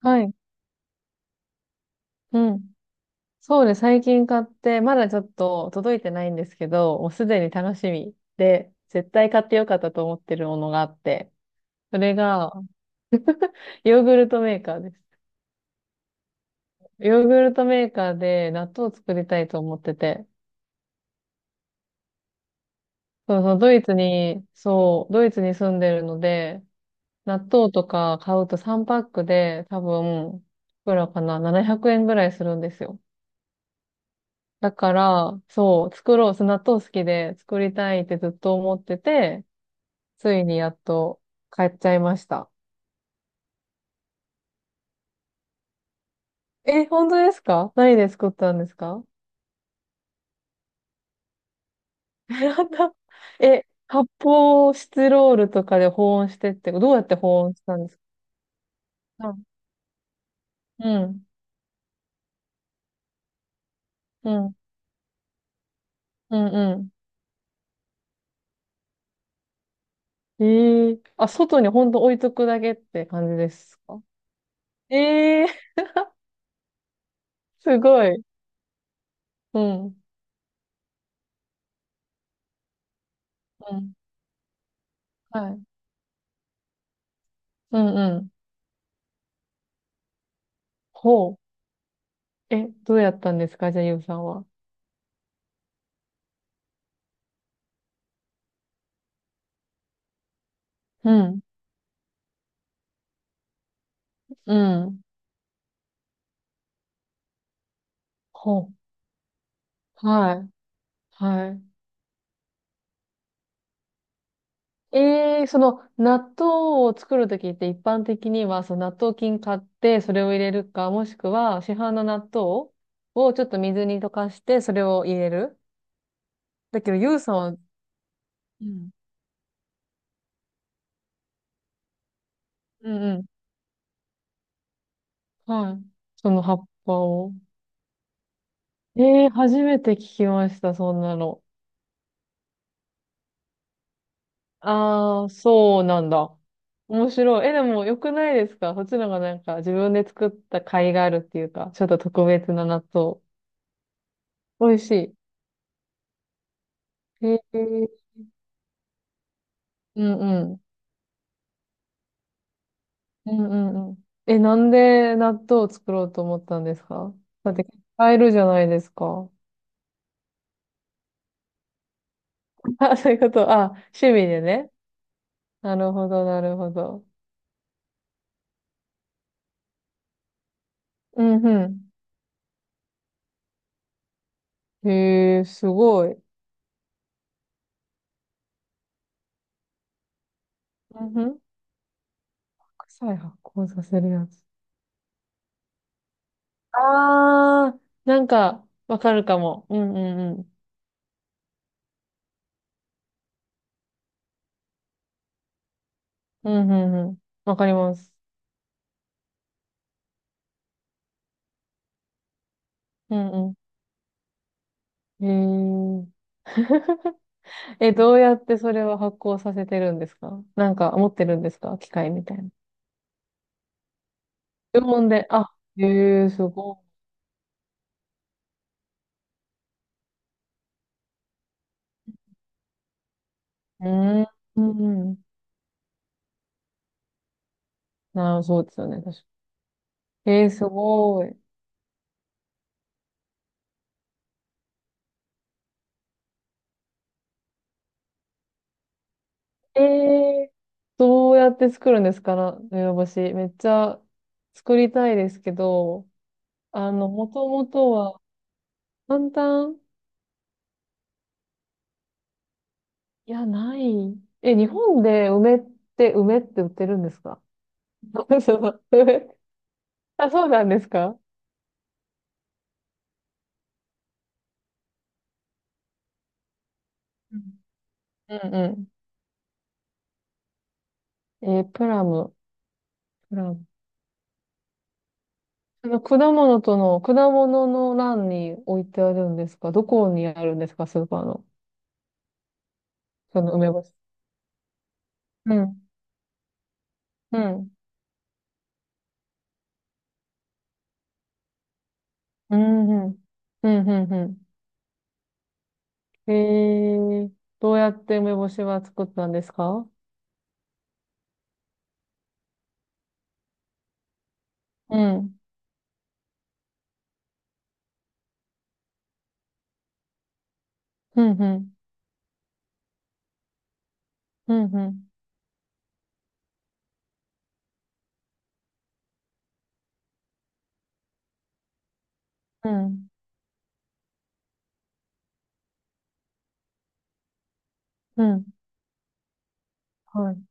はい。うん。そうです。最近買って、まだちょっと届いてないんですけど、もうすでに楽しみで、絶対買ってよかったと思ってるものがあって、それが、ヨーグルトメーカーです。ヨーグルトメーカーで納豆を作りたいと思ってて、そうそう、ドイツに住んでるので、納豆とか買うと3パックで多分、いくらかな、700円ぐらいするんですよ。だから、そう、作ろう、そう納豆好きで作りたいってずっと思ってて、ついにやっと買っちゃいました。え、本当ですか？何で作ったんですか？ やった え、発泡スチロールとかで保温してって、どうやって保温したんですか？うん、うん、うん、うん。ええ、あ、外に本当置いとくだけって感じですか？ええ、すごい。うん、うん、はい。うん、うん。ほう。え、どうやったんですか？じゃあ、ゆうさんは。うん、うん。ほう。はい。はい。ええ、その納豆を作るときって一般的にはその納豆菌買ってそれを入れるか、もしくは市販の納豆をちょっと水に溶かしてそれを入れる。だけど、ゆうさんは、うん。うんうん。はい。その葉っぱを。ええ、初めて聞きました、そんなの。ああ、そうなんだ。面白い。え、でも良くないですか？そっちの方がなんか自分で作った甲斐があるっていうか、ちょっと特別な納豆。美味しい。へえ、うんうん。うんうんうん。え、なんで納豆を作ろうと思ったんですか？だって、買えるじゃないですか。あ、そういうこと。あ、趣味でね。なるほど、なるほど。うんうん。へえ、すごい。うんうん。臭い発酵させるやつ。あー、なんか、わかるかも。うんうんうん。うんうんうん。わかります。うんうん。へえ。え、どうやってそれは発酵させてるんですか？なんか、持ってるんですか？機械みたいな。注文で、あ、へえ、すごい。うーん、うん。なあ、そうですよね、確かに。えー、すごい。ええ、どうやって作るんですかな、梅干し。めっちゃ作りたいですけど、あの、もともとは、簡単、いや、ない。え、日本で梅って売ってるんですか？ そう梅 あ、そうなんですか？うんうんうん。えー、プラム。プラム。果物の欄に置いてあるんですか？どこにあるんですかスーパーの？その梅干し。うん。うん。うん。うん。うん。うん。へえー。どうやって梅干しは作ったんですか？うん。うん。うん。うん。うん。うん。うん、はい。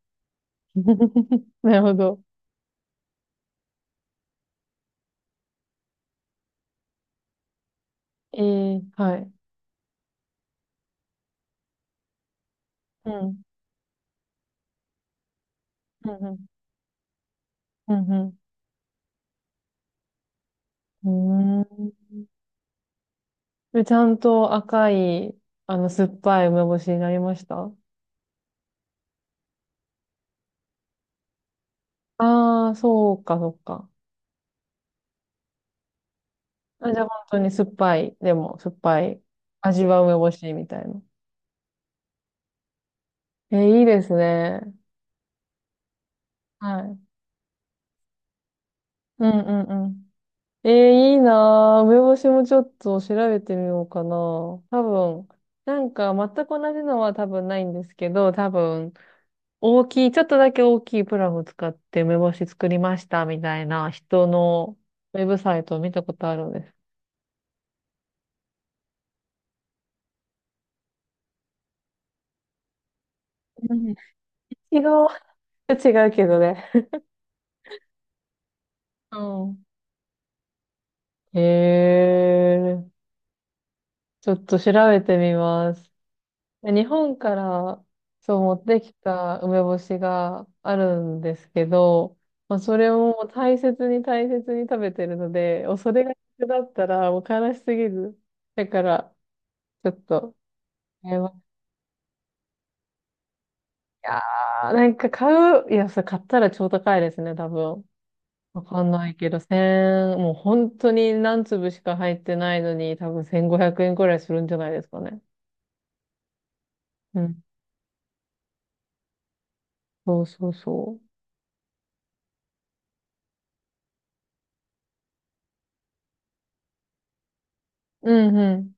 なるほど。えー、はい。うん。うん。うん。うん。うん。うーん。でちゃんと赤い、あの、酸っぱい梅干しになりました？ああ、そうか、そうか。あ、じゃあ本当に酸っぱい、でも酸っぱい、味は梅干しみたいな。えー、いいですね。はい。うんうんうん。えー、いいなー。梅干しもちょっと調べてみようかな。多分、なんか全く同じのは多分ないんですけど、多分、大きい、ちょっとだけ大きいプラフ使って梅干し作りましたみたいな人のウェブサイトを見たことあるんです。うん、違う。違うけどね。うん。へえ、ちょっと調べてみます。日本からそう持ってきた梅干しがあるんですけど、まあ、それをもう大切に大切に食べてるので、おそれが逆だったらもう悲しすぎる。だから、ちょっと買います、いやー、なんか買う、いや、それ買ったら超高いですね、多分。わかんないけど、もう本当に何粒しか入ってないのに、多分1500円くえんくらいするんじゃないですかね。そうそうそう。うんうん。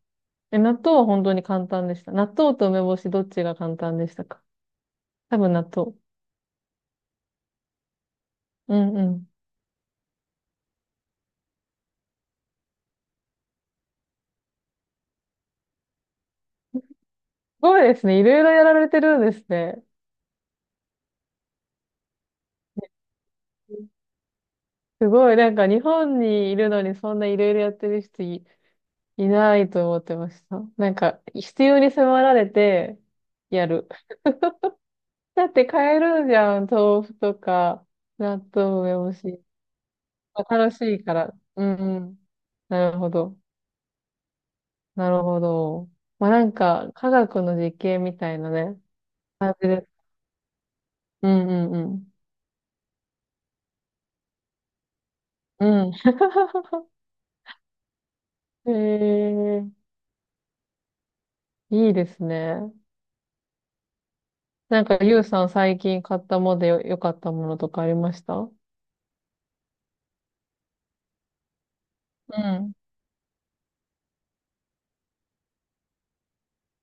え、納豆は本当に簡単でした。納豆と梅干しどっちが簡単でしたか？多分納豆。うんうん。すごいですね。いろいろやられてるんですね。すごい。なんか日本にいるのにそんないろいろやってる人いないと思ってました。なんか必要に迫られてやる。だって買えるじゃん。豆腐とか、納豆、梅干し。まあ楽しいから。うんうん。なるほど。なるほど。まあ、なんか、科学の実験みたいなね、感じです。うんうんうん。うん。ええ、いいですね。なんか、ゆうさん最近買ったもので良かったものとかありました？うん。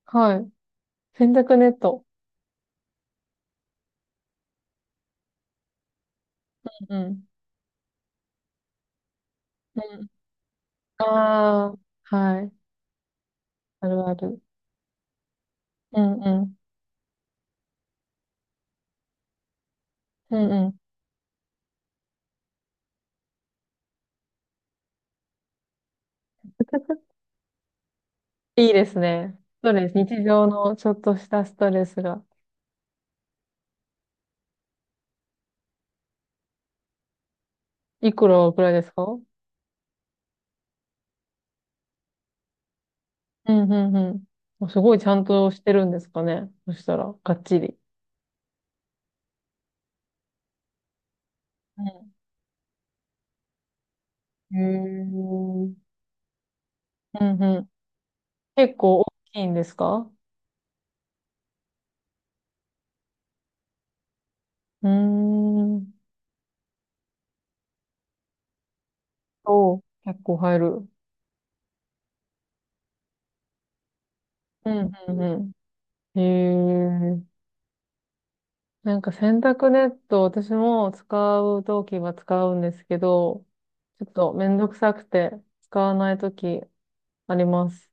はい。洗濯ネット。うん。うん。ああ、はい。あるある。うんうん。うんうん。いいですね。ストレス、日常のちょっとしたストレスが。いくらぐらいですか？うん、うん、うん。すごいちゃんとしてるんですかね。そしたら、がっちり。うん。へー。うんうん。結構大きいんですか？うーん。おう、結構入る。うん、うん、うん。へえ。なんか洗濯ネット、私も使うときは使うんですけど、ちょっとめんどくさくて使わないときあります。